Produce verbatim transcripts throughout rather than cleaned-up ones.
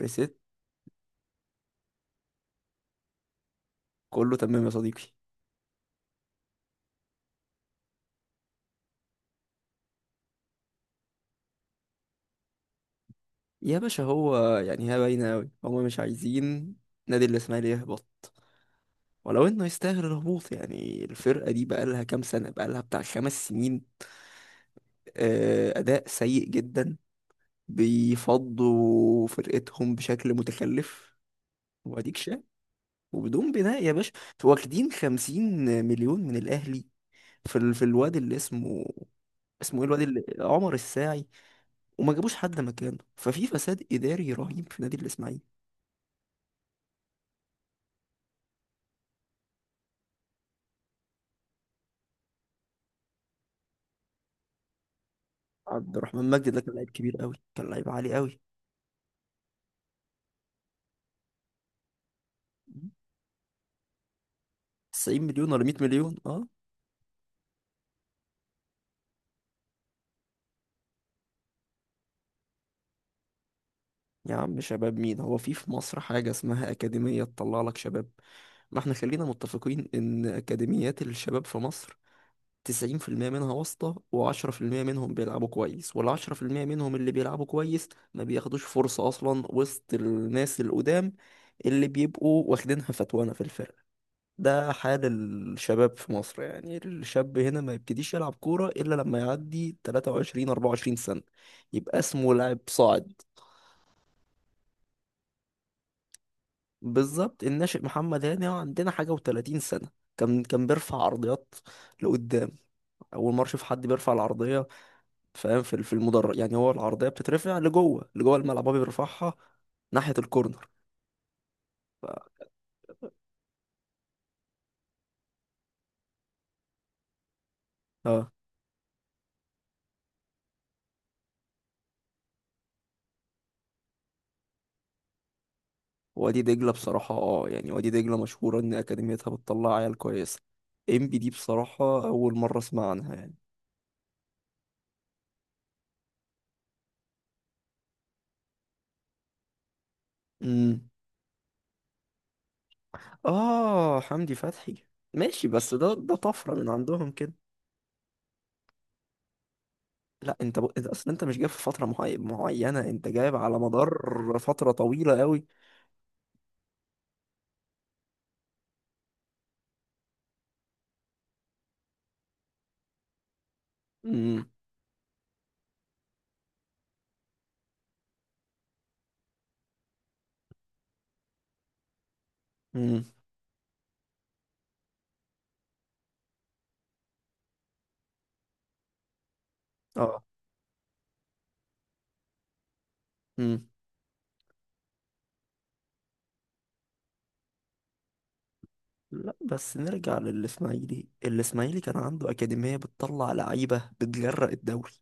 ريست. كله تمام يا صديقي. يا باشا، هو يعني هي باينة أوي، هما مش عايزين نادي الإسماعيلي يهبط. ولو إنه يستاهل الهبوط، يعني الفرقة دي بقالها كام سنة، بقالها بتاع خمس سنين. آه، أداء سيء جدا، بيفضوا فرقتهم بشكل متخلف وأديك شايف. وبدون بناء يا باشا، واخدين خمسين مليون من الأهلي في ال... في الواد اللي اسمه اسمه ايه، الواد اللي عمر الساعي. وما جابوش حد مكانه، ففي فساد إداري رهيب في نادي الإسماعيلي. عبد الرحمن مجدي ده كان لعيب كبير قوي، كان لعيب عالي قوي. تسعين مليون ولا مية مليون، اه. يا عم شباب مين؟ هو في في مصر حاجة اسمها أكاديمية تطلع لك شباب؟ ما احنا خلينا متفقين إن أكاديميات الشباب في مصر، تسعين في المية منها واسطة و10% منهم بيلعبوا كويس، وال10% منهم اللي بيلعبوا كويس ما بياخدوش فرصة أصلا وسط الناس القدام اللي بيبقوا واخدينها فتوانة في الفرق. ده حال الشباب في مصر، يعني الشاب هنا ما يبتديش يلعب كورة إلا لما يعدي تلاتة وعشرين أربعة وعشرين سنة يبقى اسمه لاعب صاعد. بالظبط الناشئ. محمد هاني هو عندنا حاجة و30 سنة. كان كان بيرفع عرضيات لقدام. أول مرة أشوف حد بيرفع العرضية، فاهم؟ في في المدرج. يعني هو العرضية بتترفع لجوه، لجوه الملعب هو بيرفعها ناحية الكورنر. وادي دجلة بصراحة، اه، يعني وادي دجلة مشهورة إن أكاديميتها بتطلع عيال كويسة. إم بي دي بصراحة أول مرة أسمع عنها يعني. امم، آه، حمدي فتحي. ماشي، بس ده ده طفرة من عندهم كده. لا انت ب... انت اصلا انت مش جايب في فترة معي... معينة، انت جايب على مدار فترة طويلة قوي. امم، امم، اه، امم. لا بس نرجع للاسماعيلي. الاسماعيلي كان عنده أكاديمية بتطلع لعيبة بتجرأ الدوري.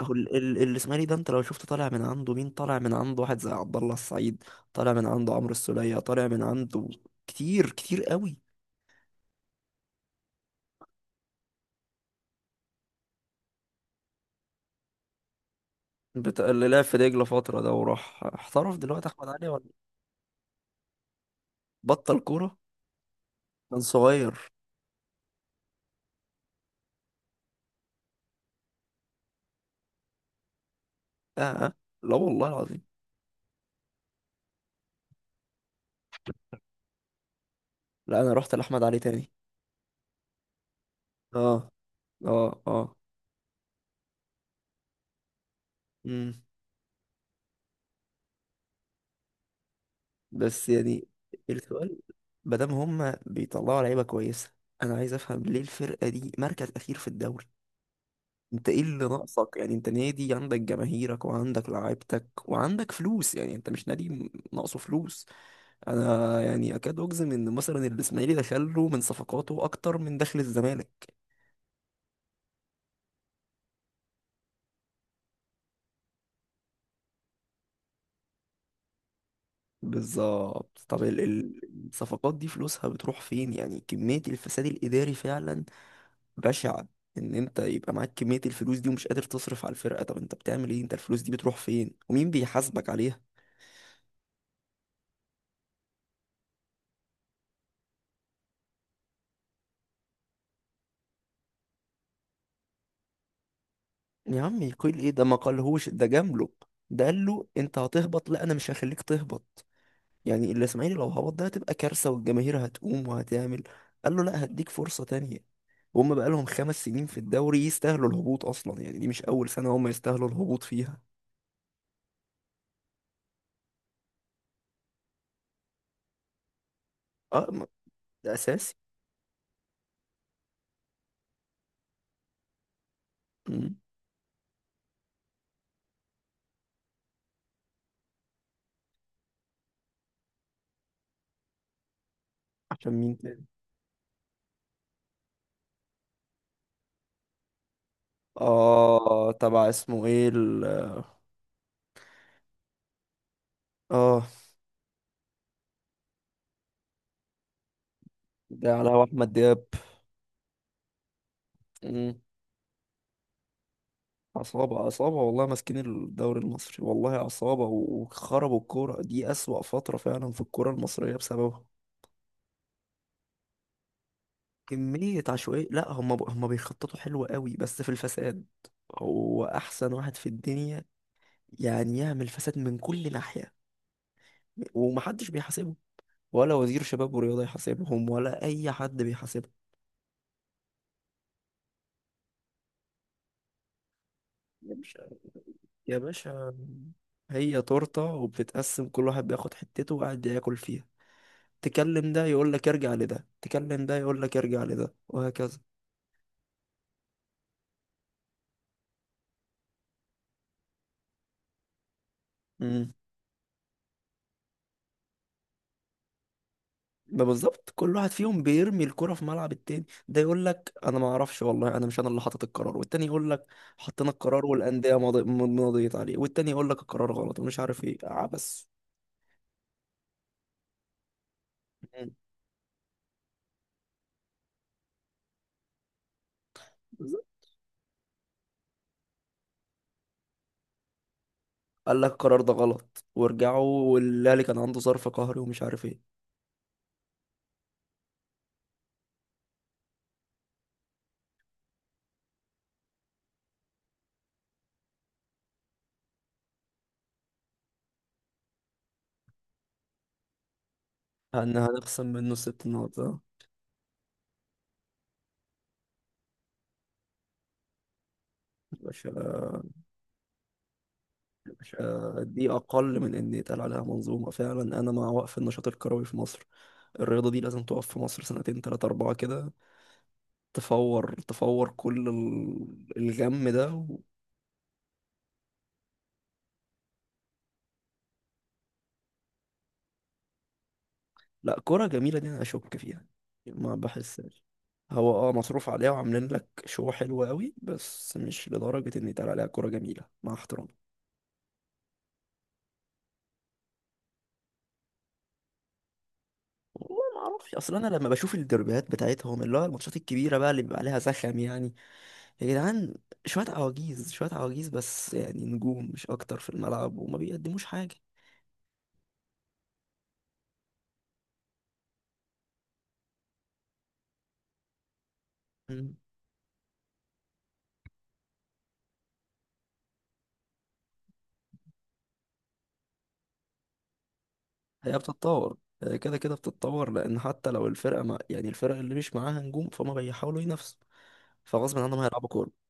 اهو ال- ال- الاسماعيلي ده، انت لو شفت طالع من عنده مين. طالع من عنده واحد زي عبد الله السعيد، طالع من عنده عمرو السولية، طالع من عنده كتير كتير قوي. بتاع اللي لعب في دجلة فترة ده وراح احترف دلوقتي، احمد علي ولا؟ بطل كورة. كان صغير. اه، آه. لا والله العظيم. لا انا رحت لاحمد علي تاني. اه، اه، اه. امم. بس يعني السؤال، ما دام هما بيطلعوا لعيبة كويسة، انا عايز افهم ليه الفرقة دي مركز اخير في الدوري. انت ايه اللي ناقصك؟ يعني انت نادي عندك جماهيرك وعندك لعيبتك وعندك فلوس، يعني انت مش نادي م- ناقصه فلوس. انا يعني اكاد اجزم ان مثلا الاسماعيلي دخل له من صفقاته اكتر من دخل الزمالك. بالظبط، طب ال- ال- الصفقات دي فلوسها بتروح فين؟ يعني كمية الفساد الاداري فعلا بشعة. ان انت يبقى معاك كمية الفلوس دي ومش قادر تصرف على الفرقة، طب انت بتعمل ايه؟ انت الفلوس دي بتروح فين؟ ومين بيحاسبك عليها؟ يا عم يقول ايه؟ ده ما قالهوش، ده جامله. ده قال له انت هتهبط، لا انا مش هخليك تهبط. يعني الاسماعيلي لو هبط ده هتبقى كارثه والجماهير هتقوم وهتعمل. قال له لا، هديك فرصه تانية. وهم بقى لهم خمس سنين في الدوري يستاهلوا الهبوط اصلا، يعني دي مش اول سنه هم يستاهلوا الهبوط فيها. اه، ما- ده اساسي. مم. عشان مين تاني؟ اه، تبع اسمه ايه ال- اه ده على هو احمد دياب. مم. عصابة، عصابة والله، ماسكين الدوري المصري، والله عصابة، و- وخربوا الكورة دي. أسوأ فترة فعلا في الكورة المصرية بسببها. كمية عشوائية. لا هم ب... هم بيخططوا حلو قوي، بس في الفساد هو أحسن واحد في الدنيا، يعني يعمل فساد من كل ناحية ومحدش بيحاسبه. ولا وزير شباب ورياضة يحاسبهم، ولا أي حد بيحاسبهم. يا باشا، يا باشا، هي تورتة وبتتقسم، كل واحد بياخد حتته وقاعد ياكل فيها. تكلم ده يقول لك ارجع لده، تكلم ده يقول لك ارجع لده، وهكذا. امم. ما بالظبط كل واحد فيهم بيرمي الكرة في ملعب التاني. ده يقول لك انا ما اعرفش والله، انا مش انا اللي حاطط القرار. والتاني يقول لك حطينا القرار والانديه ماضي- مضيت عليه. والتاني يقول لك القرار غلط ومش عارف ايه عبس. مم. بالظبط. قال لك القرار ده غلط وارجعوا، والاهلي كان عنده ظرف قهري ومش عارف ايه. هن هنخصم منه ست نقط، آه. باشا، آه، دي أقل من إن يتقال عليها منظومة فعلا. أنا مع وقف النشاط الكروي في مصر. الرياضة دي لازم تقف في مصر سنتين تلاتة أربعة كده، تفور تفور كل ال- الغم ده و... لا، كرة جميلة دي أنا أشك فيها، ما بحسهاش. هو اه مصروف عليها وعاملين لك شو حلو قوي، بس مش لدرجة إن يتقال عليها كرة جميلة مع احترامي. والله ما اعرفش، اصل انا لما بشوف الدربيات بتاعتهم اللي هو الماتشات الكبيره بقى اللي بيبقى عليها زخم، يعني يا جدعان، شوية عواجيز شوية عواجيز، بس يعني نجوم مش أكتر في الملعب وما بيقدموش حاجة. مم. هي بتتطور، هي كده كده بتتطور، لأن حتى لو الفرقة مع، يعني الفرق اللي مش معاها نجوم فهم بيحاولوا ينافسوا، فغصب عنهم هيلعبوا كورة.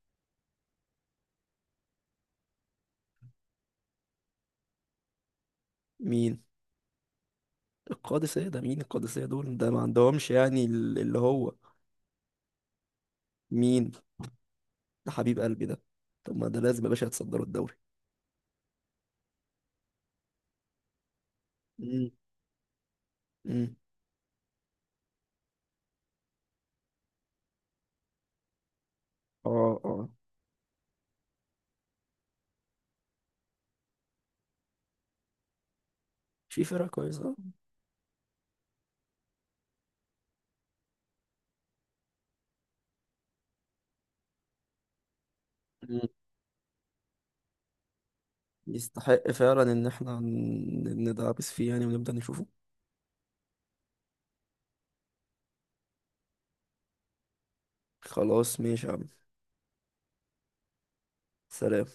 مين؟ القادسية ده مين؟ القادسية دول ده ما عندهمش، يعني ال- اللي هو. مين؟ ده حبيب قلبي ده. طب ما ده لازم يا باشا يتصدروا الدوري. مم. مم. اه، اه. في فرقة كويسة. مم. يستحق فعلا إن احنا ن- ندعبس فيه يعني، ونبدأ نشوفه. خلاص ماشي يا عم. سلام.